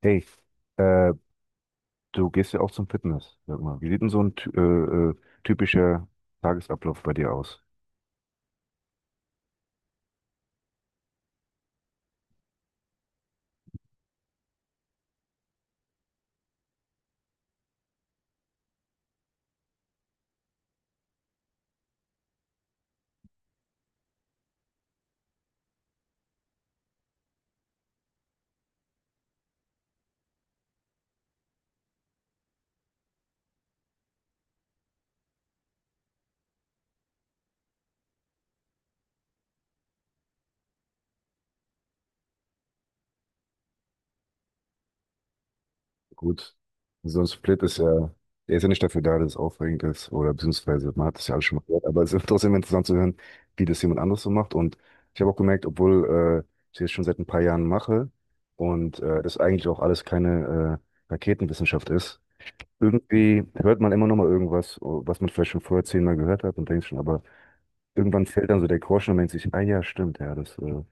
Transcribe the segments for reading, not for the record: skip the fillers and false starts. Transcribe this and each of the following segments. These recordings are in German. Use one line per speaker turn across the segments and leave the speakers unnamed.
Hey, äh, du gehst ja auch zum Fitness, sag mal. Wie sieht denn so ein äh, typischer Tagesablauf bei dir aus? Gut. So ein Split ist ja, der ist ja nicht dafür da, dass es aufregend ist, oder beziehungsweise man hat das ja alles schon mal gehört, aber es ist trotzdem interessant zu hören, wie das jemand anderes so macht. Und ich habe auch gemerkt, obwohl ich das schon seit ein paar Jahren mache und das eigentlich auch alles keine Raketenwissenschaft ist. Irgendwie hört man immer noch mal irgendwas, was man vielleicht schon vorher zehnmal gehört hat und denkt schon, aber irgendwann fällt dann so der Groschen und denkt sich: ah ja, stimmt, ja,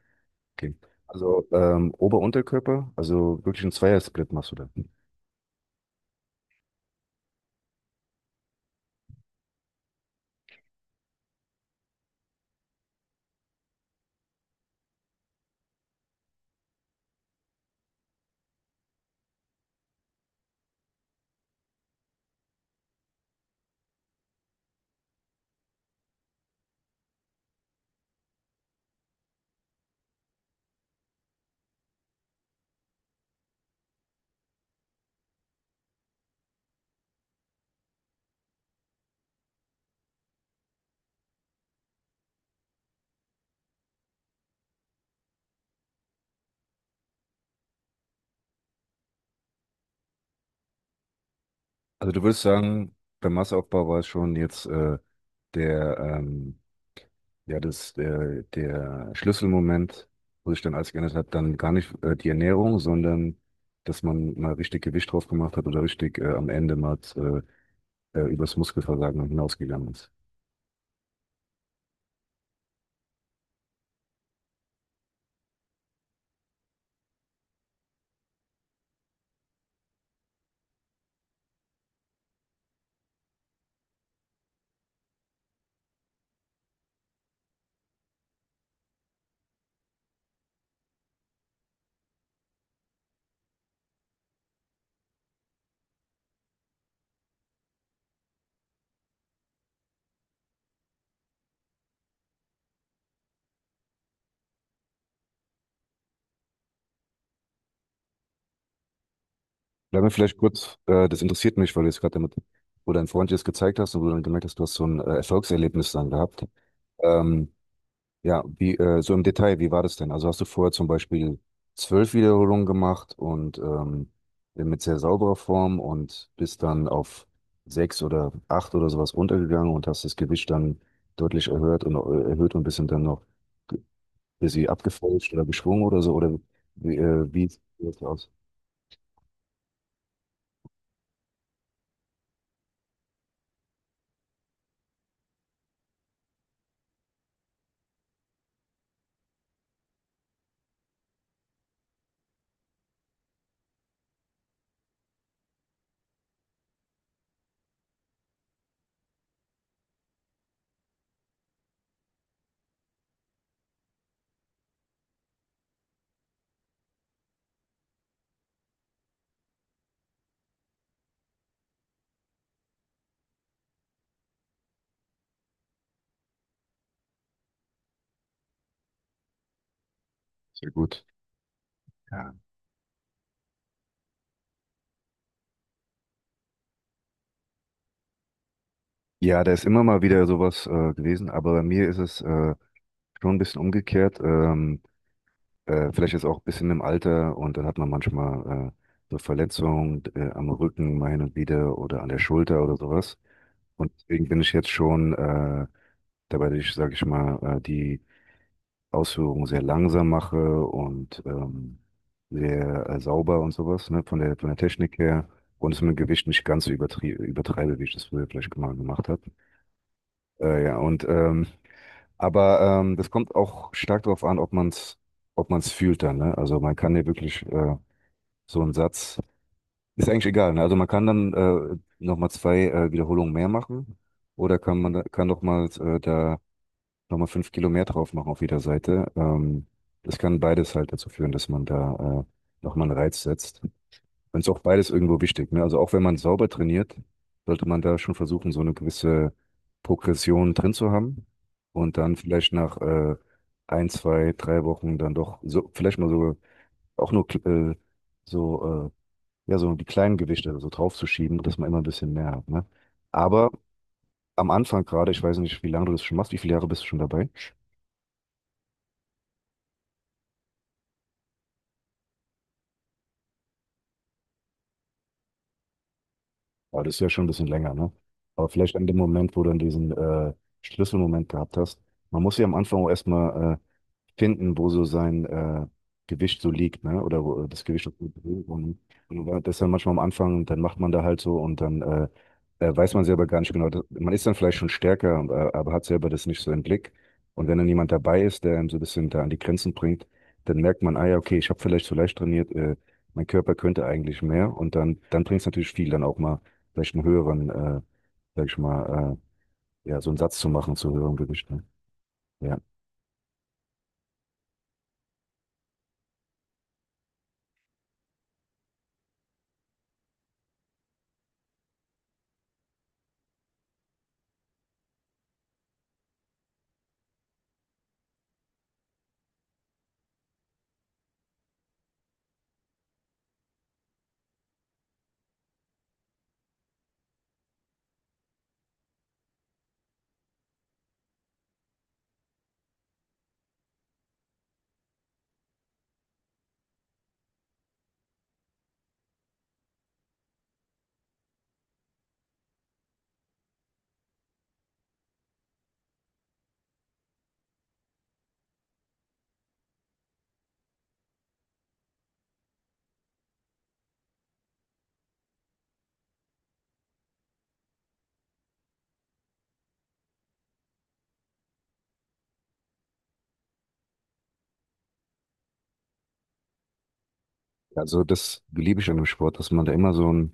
okay. Also Ober-Unterkörper, also wirklich ein Zweiersplit machst du da. Also du würdest sagen, beim Masseaufbau war es schon jetzt der, ja, das, der, der Schlüsselmoment, wo sich dann alles geändert hat, dann gar nicht die Ernährung, sondern dass man mal richtig Gewicht drauf gemacht hat oder richtig am Ende mal übers Muskelversagen hinausgegangen ist. Bleib mir vielleicht kurz, das interessiert mich, weil du jetzt gerade damit, wo dein Freund dir das gezeigt hast und wo du dann gemerkt hast, du hast so ein Erfolgserlebnis dann gehabt. Ähm, ja, so im Detail, wie war das denn? Also hast du vorher zum Beispiel 12 Wiederholungen gemacht und mit sehr sauberer Form und bist dann auf sechs oder acht oder sowas runtergegangen und hast das Gewicht dann deutlich erhöht und bist dann noch ein bisschen abgefälscht oder geschwungen oder so, oder wie sieht das aus? Sehr gut. Ja, da ist immer mal wieder sowas gewesen, aber bei mir ist es schon ein bisschen umgekehrt. Vielleicht ist auch ein bisschen im Alter, und dann hat man manchmal so Verletzungen am Rücken mal hin und wieder oder an der Schulter oder sowas. Und deswegen bin ich jetzt schon dabei, dass ich, sage ich mal, die Ausführungen sehr langsam mache und sehr sauber und sowas, ne, von der Technik her. Und es mit dem Gewicht nicht ganz so übertrie übertreibe, wie ich das früher vielleicht mal gemacht habe. Ja. Aber das kommt auch stark darauf an, ob man es ob man's fühlt dann. Ne? Also man kann ja wirklich so einen Satz, ist eigentlich egal. Ne? Also man kann dann nochmal zwei Wiederholungen mehr machen oder kann nochmal da nochmal 5 Kilo mehr drauf machen auf jeder Seite. Das kann beides halt dazu führen, dass man da nochmal einen Reiz setzt. Und ist auch beides irgendwo wichtig, ne? Also auch wenn man sauber trainiert, sollte man da schon versuchen, so eine gewisse Progression drin zu haben und dann vielleicht nach ein, zwei, drei Wochen dann doch so vielleicht mal so auch nur so ja so die kleinen Gewichte so draufzuschieben, dass man immer ein bisschen mehr hat, ne? Aber am Anfang gerade, ich weiß nicht, wie lange du das schon machst, wie viele Jahre bist du schon dabei? Aber das ist ja schon ein bisschen länger, ne? Aber vielleicht an dem Moment, wo du dann diesen Schlüsselmoment gehabt hast, man muss ja am Anfang auch erstmal finden, wo so sein Gewicht so liegt, ne? Oder wo das Gewicht auf gut liegt. Und das ist dann manchmal am Anfang, dann macht man da halt so, und dann weiß man selber gar nicht so genau. Man ist dann vielleicht schon stärker, aber hat selber das nicht so im Blick. Und wenn dann jemand dabei ist, der einem so ein bisschen da an die Grenzen bringt, dann merkt man: ah ja, okay, ich habe vielleicht zu leicht trainiert, mein Körper könnte eigentlich mehr. Und dann bringt es natürlich viel, dann auch mal vielleicht einen höheren, sag ich mal, ja, so einen Satz zu machen zu höherem Gewicht. Ne? Ja. Also das liebe ich an dem Sport, dass man da immer so ein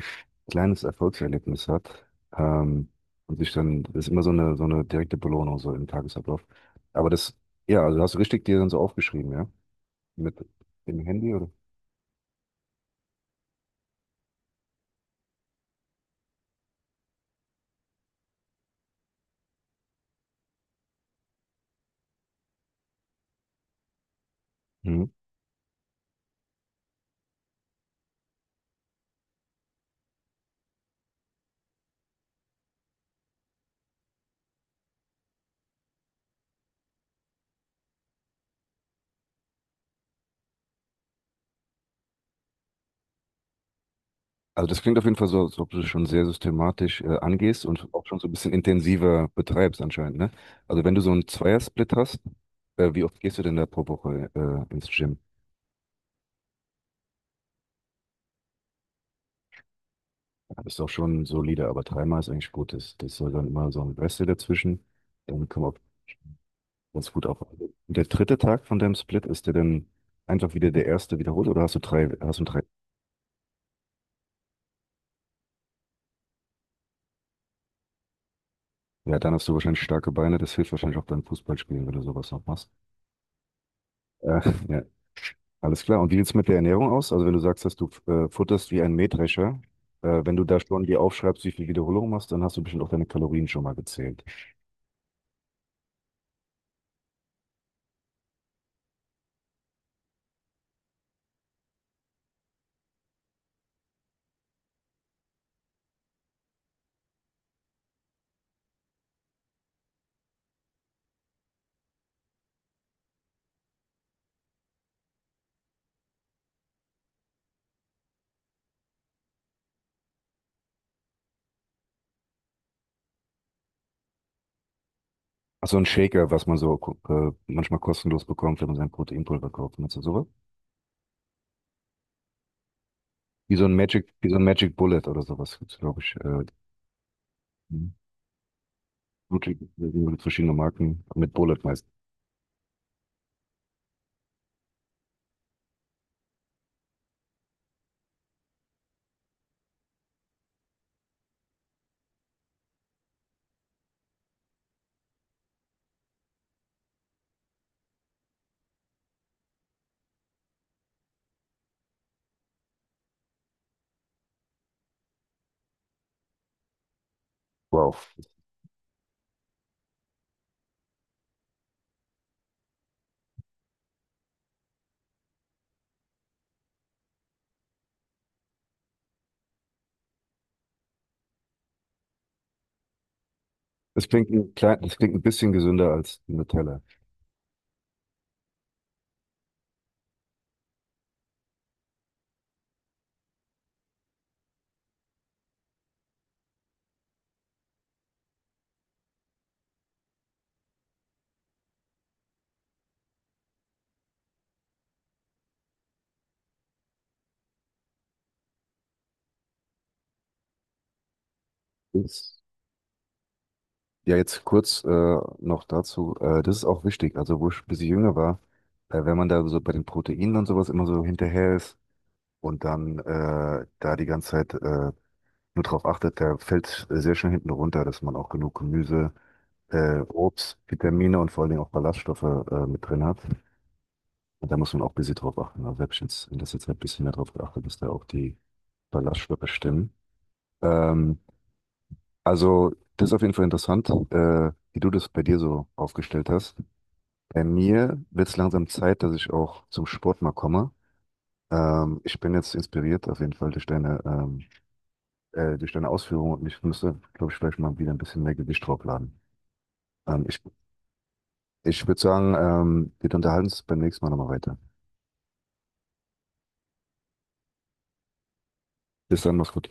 kleines Erfolgserlebnis hat, ähm, und sich dann, das ist immer so eine direkte Belohnung so im Tagesablauf. Aber das, ja, also hast du richtig dir dann so aufgeschrieben, ja? Mit dem Handy oder? Mhm. Also das klingt auf jeden Fall so, als ob du das schon sehr systematisch angehst und auch schon so ein bisschen intensiver betreibst anscheinend, ne? Also wenn du so einen Zweiersplit hast, wie oft gehst du denn da pro Woche ins Gym? Ist auch schon solide, aber dreimal ist eigentlich gut. Das soll dann immer so ein Reste dazwischen. Dann kommen wir ganz gut auf. Und der dritte Tag von deinem Split, ist der dann einfach wieder der erste wiederholt oder hast du drei? Ja, dann hast du wahrscheinlich starke Beine. Das hilft wahrscheinlich auch beim Fußballspielen, wenn du sowas noch machst. Äh, ja, alles klar. Und wie sieht's mit der Ernährung aus? Also wenn du sagst, dass du futterst wie ein Mähdrescher, wenn du da schon dir aufschreibst, wie viel Wiederholung machst, dann hast du bestimmt auch deine Kalorien schon mal gezählt. Ach, so ein Shaker, was man so manchmal kostenlos bekommt, wenn man sein Proteinpulver kauft. Meinst du sowas? Wie so ein Magic Bullet oder sowas gibt's, glaube ich. Mhm. Wirklich verschiedene Marken mit Bullet meist. Wow. Das klingt ein bisschen gesünder als Nutella. Ist, ja, jetzt kurz noch dazu. Das ist auch wichtig. Also, wo ich ein bisschen jünger war, wenn man da so bei den Proteinen und sowas immer so hinterher ist und dann da die ganze Zeit nur darauf achtet, der fällt sehr schnell hinten runter, dass man auch genug Gemüse, Obst, Vitamine und vor allen Dingen auch Ballaststoffe mit drin hat. Und da muss man auch ein bisschen drauf achten. Also selbst jetzt in letzter Zeit ein bisschen mehr drauf geachtet, dass da auch die Ballaststoffe stimmen. Ähm, also das ist auf jeden Fall interessant, wie du das bei dir so aufgestellt hast. Bei mir wird es langsam Zeit, dass ich auch zum Sport mal komme. Ich bin jetzt inspiriert auf jeden Fall durch deine Ausführungen, und ich müsste, glaube ich, vielleicht mal wieder ein bisschen mehr Gewicht draufladen. Ähm, ich ich würde sagen, wir unterhalten uns beim nächsten Mal nochmal weiter. Bis dann, mach's gut.